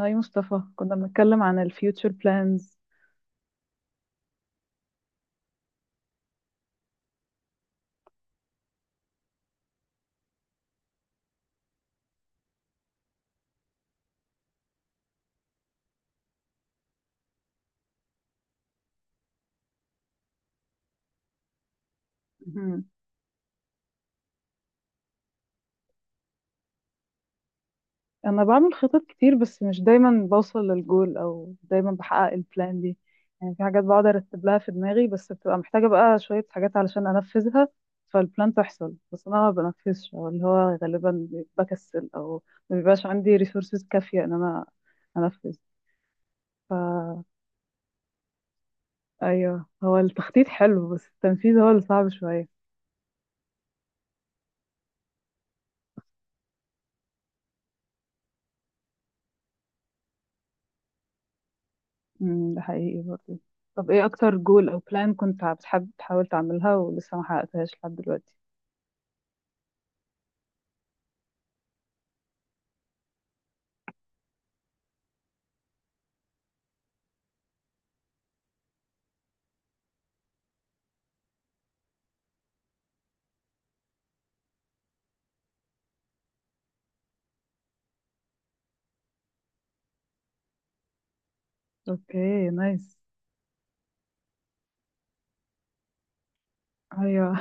هاي مصطفى، كنا بنتكلم عن الفيوتشر بلانز. مهم. انا بعمل خطط كتير بس مش دايما بوصل للجول او دايما بحقق البلان دي. يعني في حاجات بقعد ارتب لها في دماغي بس بتبقى محتاجة بقى شوية حاجات علشان انفذها، فالبلان تحصل بس انا ما بنفذش، او اللي هو غالبا بكسل او ما بيبقاش عندي ريسورسز كافية ان انا انفذ. ف ايوه، هو التخطيط حلو بس التنفيذ هو اللي صعب شوية. ده حقيقي برضه. طب ايه اكتر جول او بلان كنت بتحب تحاول تعملها ولسه ما حققتهاش لحد دلوقتي؟ اوكي، نايس. ايوه.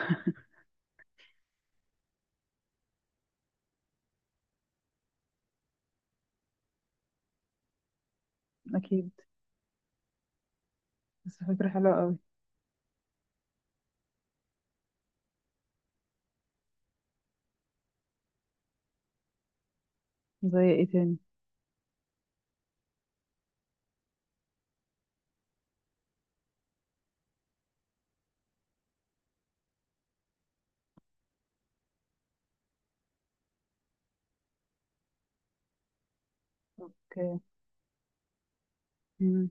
اكيد. بس فكرة حلوة قوي. زي ايه تاني؟ اوكي. امم.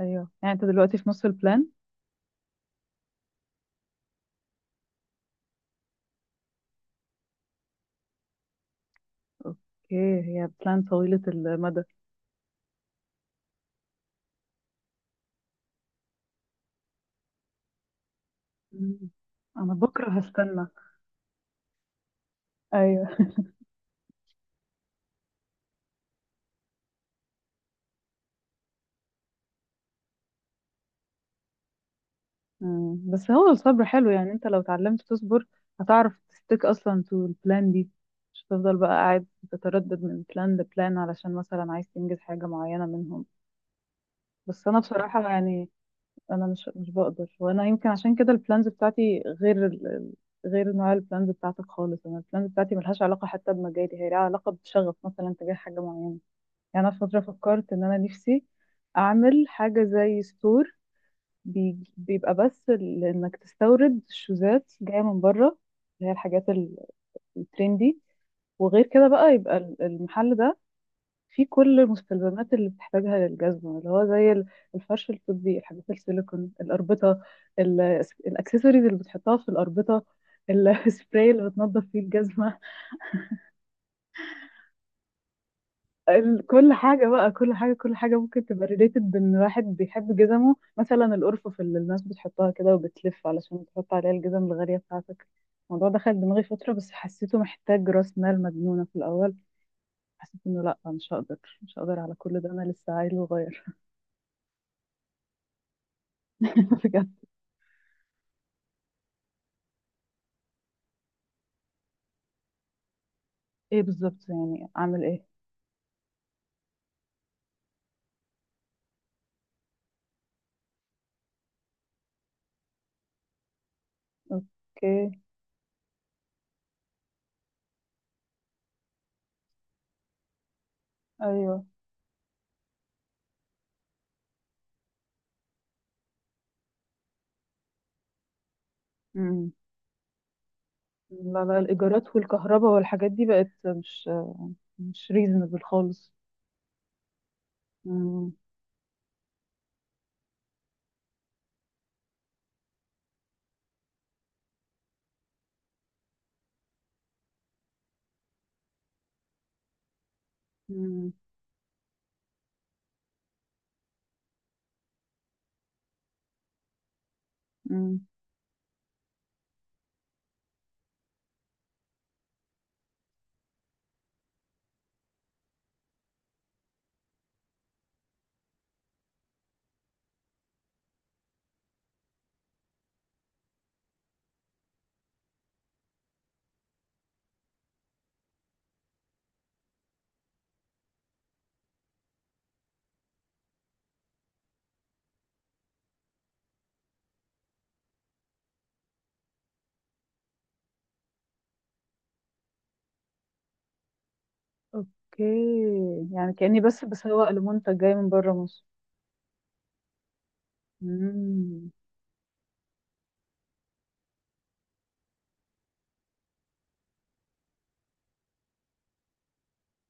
ايوه، يعني انت دلوقتي في نص البلان. اوكي، هي بلان طويلة المدى. مم. انا بكره هستنى. ايوه. مم. بس هو الصبر حلو، يعني انت لو اتعلمت تصبر هتعرف تستيك اصلا تو البلان دي، مش هتفضل بقى قاعد تتردد من بلان لبلان علشان مثلا عايز تنجز حاجة معينة منهم. بس انا بصراحة يعني انا مش بقدر، وانا يمكن عشان كده البلانز بتاعتي غير ال... ال- غير نوع البلانز بتاعتك خالص. انا البلانز بتاعتي ملهاش علاقة حتى بمجالي، هي لها علاقة بشغف مثلا تجاه حاجة معينة. يعني انا في فترة فكرت ان انا نفسي اعمل حاجة زي ستور، بيبقى بس انك تستورد شوزات جايه من بره، اللي هي الحاجات الترندي. وغير كده بقى يبقى المحل ده فيه كل المستلزمات اللي بتحتاجها للجزمه، اللي هو زي الفرش الطبي، الحاجات السيليكون، الاربطه، ال- الاكسسوارز اللي بتحطها في الاربطه، السبراي اللي بتنضف فيه الجزمه، ال- كل حاجة بقى كل حاجة كل حاجة ممكن تبقى ريليتد بإن واحد بيحب جزمه، مثلا الأرفف اللي الناس بتحطها كده وبتلف علشان تحط عليها الجزم الغالية بتاعتك. الموضوع دخل دماغي فترة بس حسيته محتاج رأس مال مجنونة في الأول. حسيت إنه لأ، مش هقدر على كل ده، أنا لسه عيل وغير. بجد. إيه بالظبط؟ يعني أعمل إيه؟ أوكي. أيوه. مم. لا لا، الإيجارات والكهرباء والحاجات دي بقت مش ريزونبل خالص. مم. مم. مم. اوكي. يعني كأني بس بسوق لمنتج جاي من بره مصر. مم.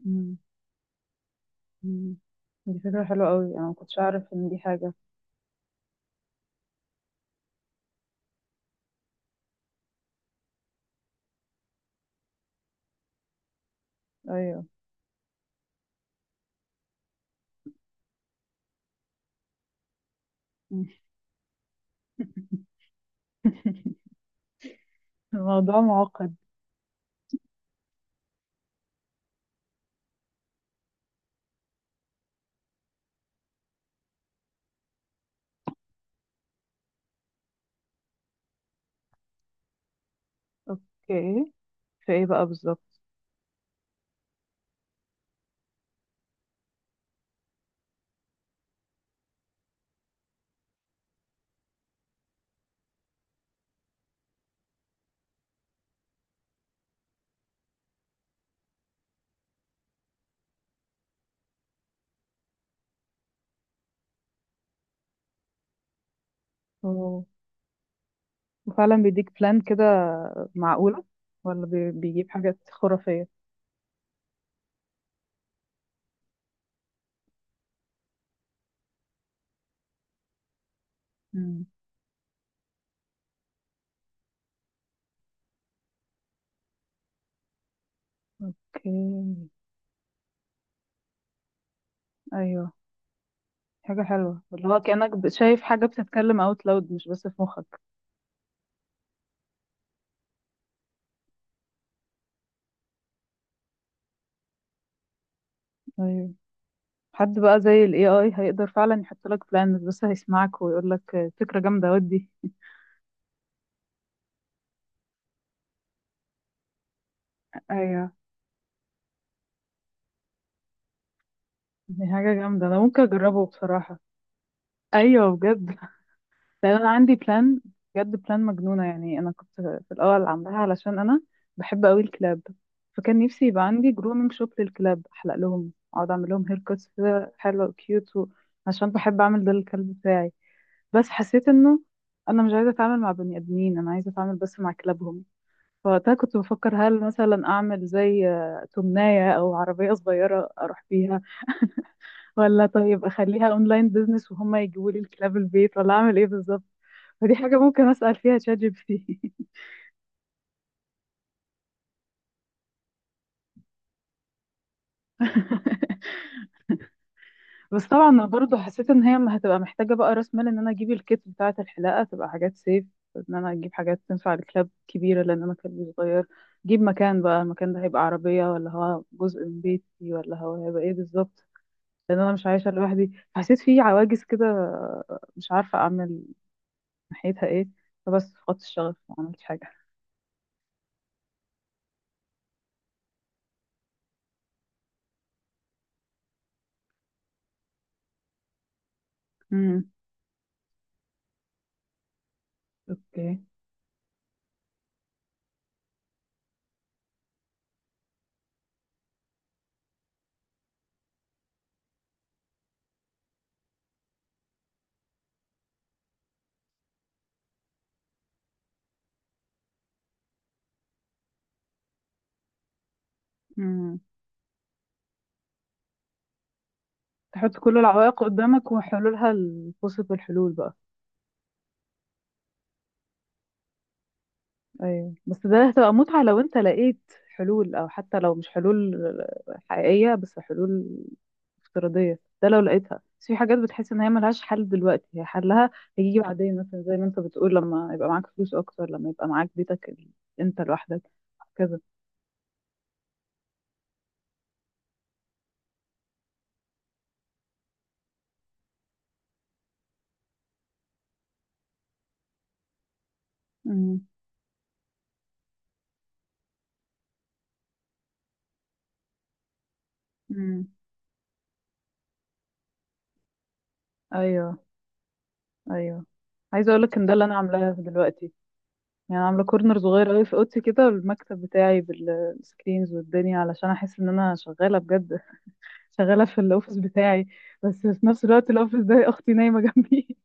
مم. مم. دي فكرة حلوة قوي، انا ما كنتش اعرف ان دي حاجة. ايوه. مم. الموضوع معقد. اوكي. في ايه بقى بالظبط؟ أوه. وفعلا بيديك بلان كده؟ معقولة؟ ولا بيجيب حاجات خرافية؟ مم. اوكي. ايوه. حاجة حلوة، اللي هو كأنك شايف حاجة بتتكلم اوت لاود مش بس في مخك. ايوه. حد بقى زي ال AI هيقدر فعلا يحط لك بلان، مش بس هيسمعك ويقول لك فكرة جامدة ودي. ايوه. دي حاجة جامدة، أنا ممكن أجربه بصراحة. أيوة بجد. لأن أنا عندي بلان، بجد بلان مجنونة. يعني أنا كنت في الأول عاملاها علشان أنا بحب أوي الكلاب، فكان نفسي يبقى عندي جرومينج شوب للكلاب، أحلق لهم، أقعد أعمل لهم هير كاتس كده حلوة كيوت و... عشان بحب أعمل ده للكلب بتاعي. بس حسيت إنه أنا مش عايزة أتعامل مع بني آدمين، أنا عايزة أتعامل بس مع كلابهم. فوقتها كنت بفكر، هل مثلا اعمل زي تمناية او عربية صغيرة اروح بيها، ولا طيب اخليها اونلاين بيزنس وهم يجيبوا لي الكلاب البيت، ولا اعمل ايه بالظبط؟ فدي حاجة ممكن اسأل فيها تشات جي بي تي. بس طبعا انا برضو حسيت ان هي هتبقى محتاجة بقى راس مال، ان انا اجيب الكيت بتاعة الحلاقة تبقى حاجات سيف، ان انا اجيب حاجات تنفع الكلاب كبيرة لان انا كلبي صغير، اجيب مكان بقى، المكان ده هيبقى عربية ولا هو جزء من بيتي ولا هو هيبقى ايه بالظبط، لان انا مش عايشه لوحدي حسيت في عواجز كده، مش عارفه اعمل ناحيتها ايه. فبس فقدت الشغف، ما عملتش حاجه. امم. اوكي. امم. تحط كل العوائق قدامك وحلولها، الفرصة، الحلول بقى. ايوه بس ده هتبقى متعه لو انت لقيت حلول، او حتى لو مش حلول حقيقيه بس حلول افتراضيه. ده لو لقيتها، بس في حاجات بتحس ان هي ملهاش حل دلوقتي، هي حلها هيجي بعدين، مثلا زي ما انت بتقول لما يبقى معاك فلوس اكتر، لما يبقى معاك بيتك انت لوحدك، كذا. امم. امم. ايوه. ايوه. عايزه اقول لك ان ده اللي انا عاملاه دلوقتي. يعني عامله كورنر صغير قوي في اوضتي كده، والمكتب بتاعي بالسكرينز والدنيا علشان احس ان انا شغاله بجد. شغاله في الاوفيس بتاعي. بس في نفس الوقت الاوفيس ده اختي نايمه جنبي.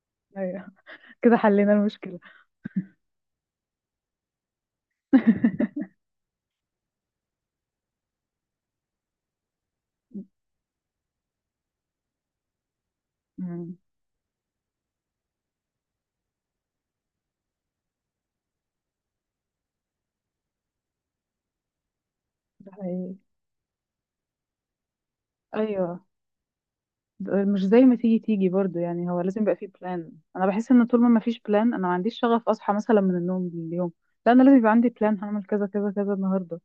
ايوه، كده حلينا المشكله. امم ده حقيقي. ايوه. مش زي ما تيجي تيجي برضو، يعني هو لازم يبقى فيه بلان. انا بحس ان طول ما ما فيش بلان انا ما عنديش شغف اصحى مثلا من النوم اليوم. لا انا لازم يبقى عندي بلان، هعمل كذا كذا كذا النهارده.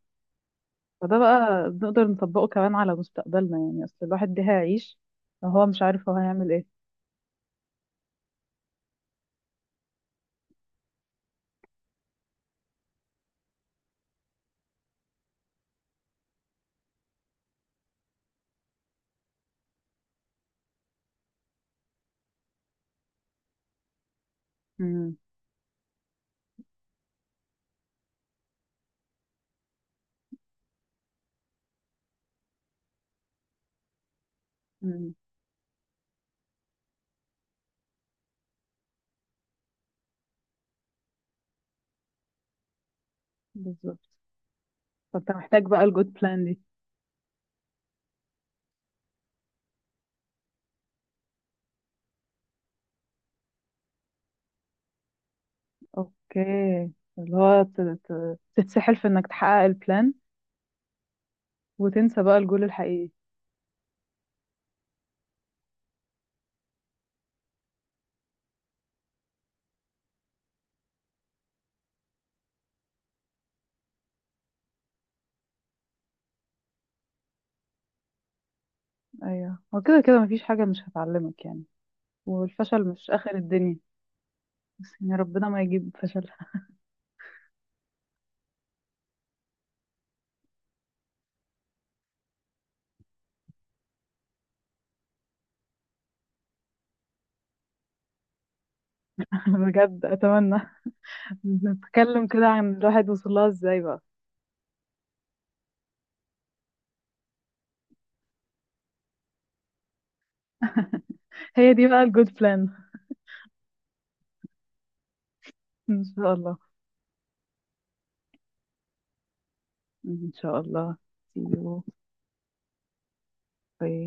فده بقى نقدر نطبقه كمان على مستقبلنا. يعني اصل الواحد ده هيعيش وهو مش عارف هو هيعمل ايه. امم. امم. بالظبط. فانت محتاج بقى الجود بلان دي. اوكي. اللي هو تتسحل في انك تحقق البلان وتنسى بقى الجول الحقيقي. ايوه، هو كده كده مفيش حاجه مش هتعلمك، يعني والفشل مش اخر الدنيا. يعني ربنا ما يجيب فشلها. بجد اتمنى. نتكلم كده عن الواحد وصل لها ازاي بقى. هي دي بقى الجود بلان. ان شاء الله. ان شاء الله. see you. Bye.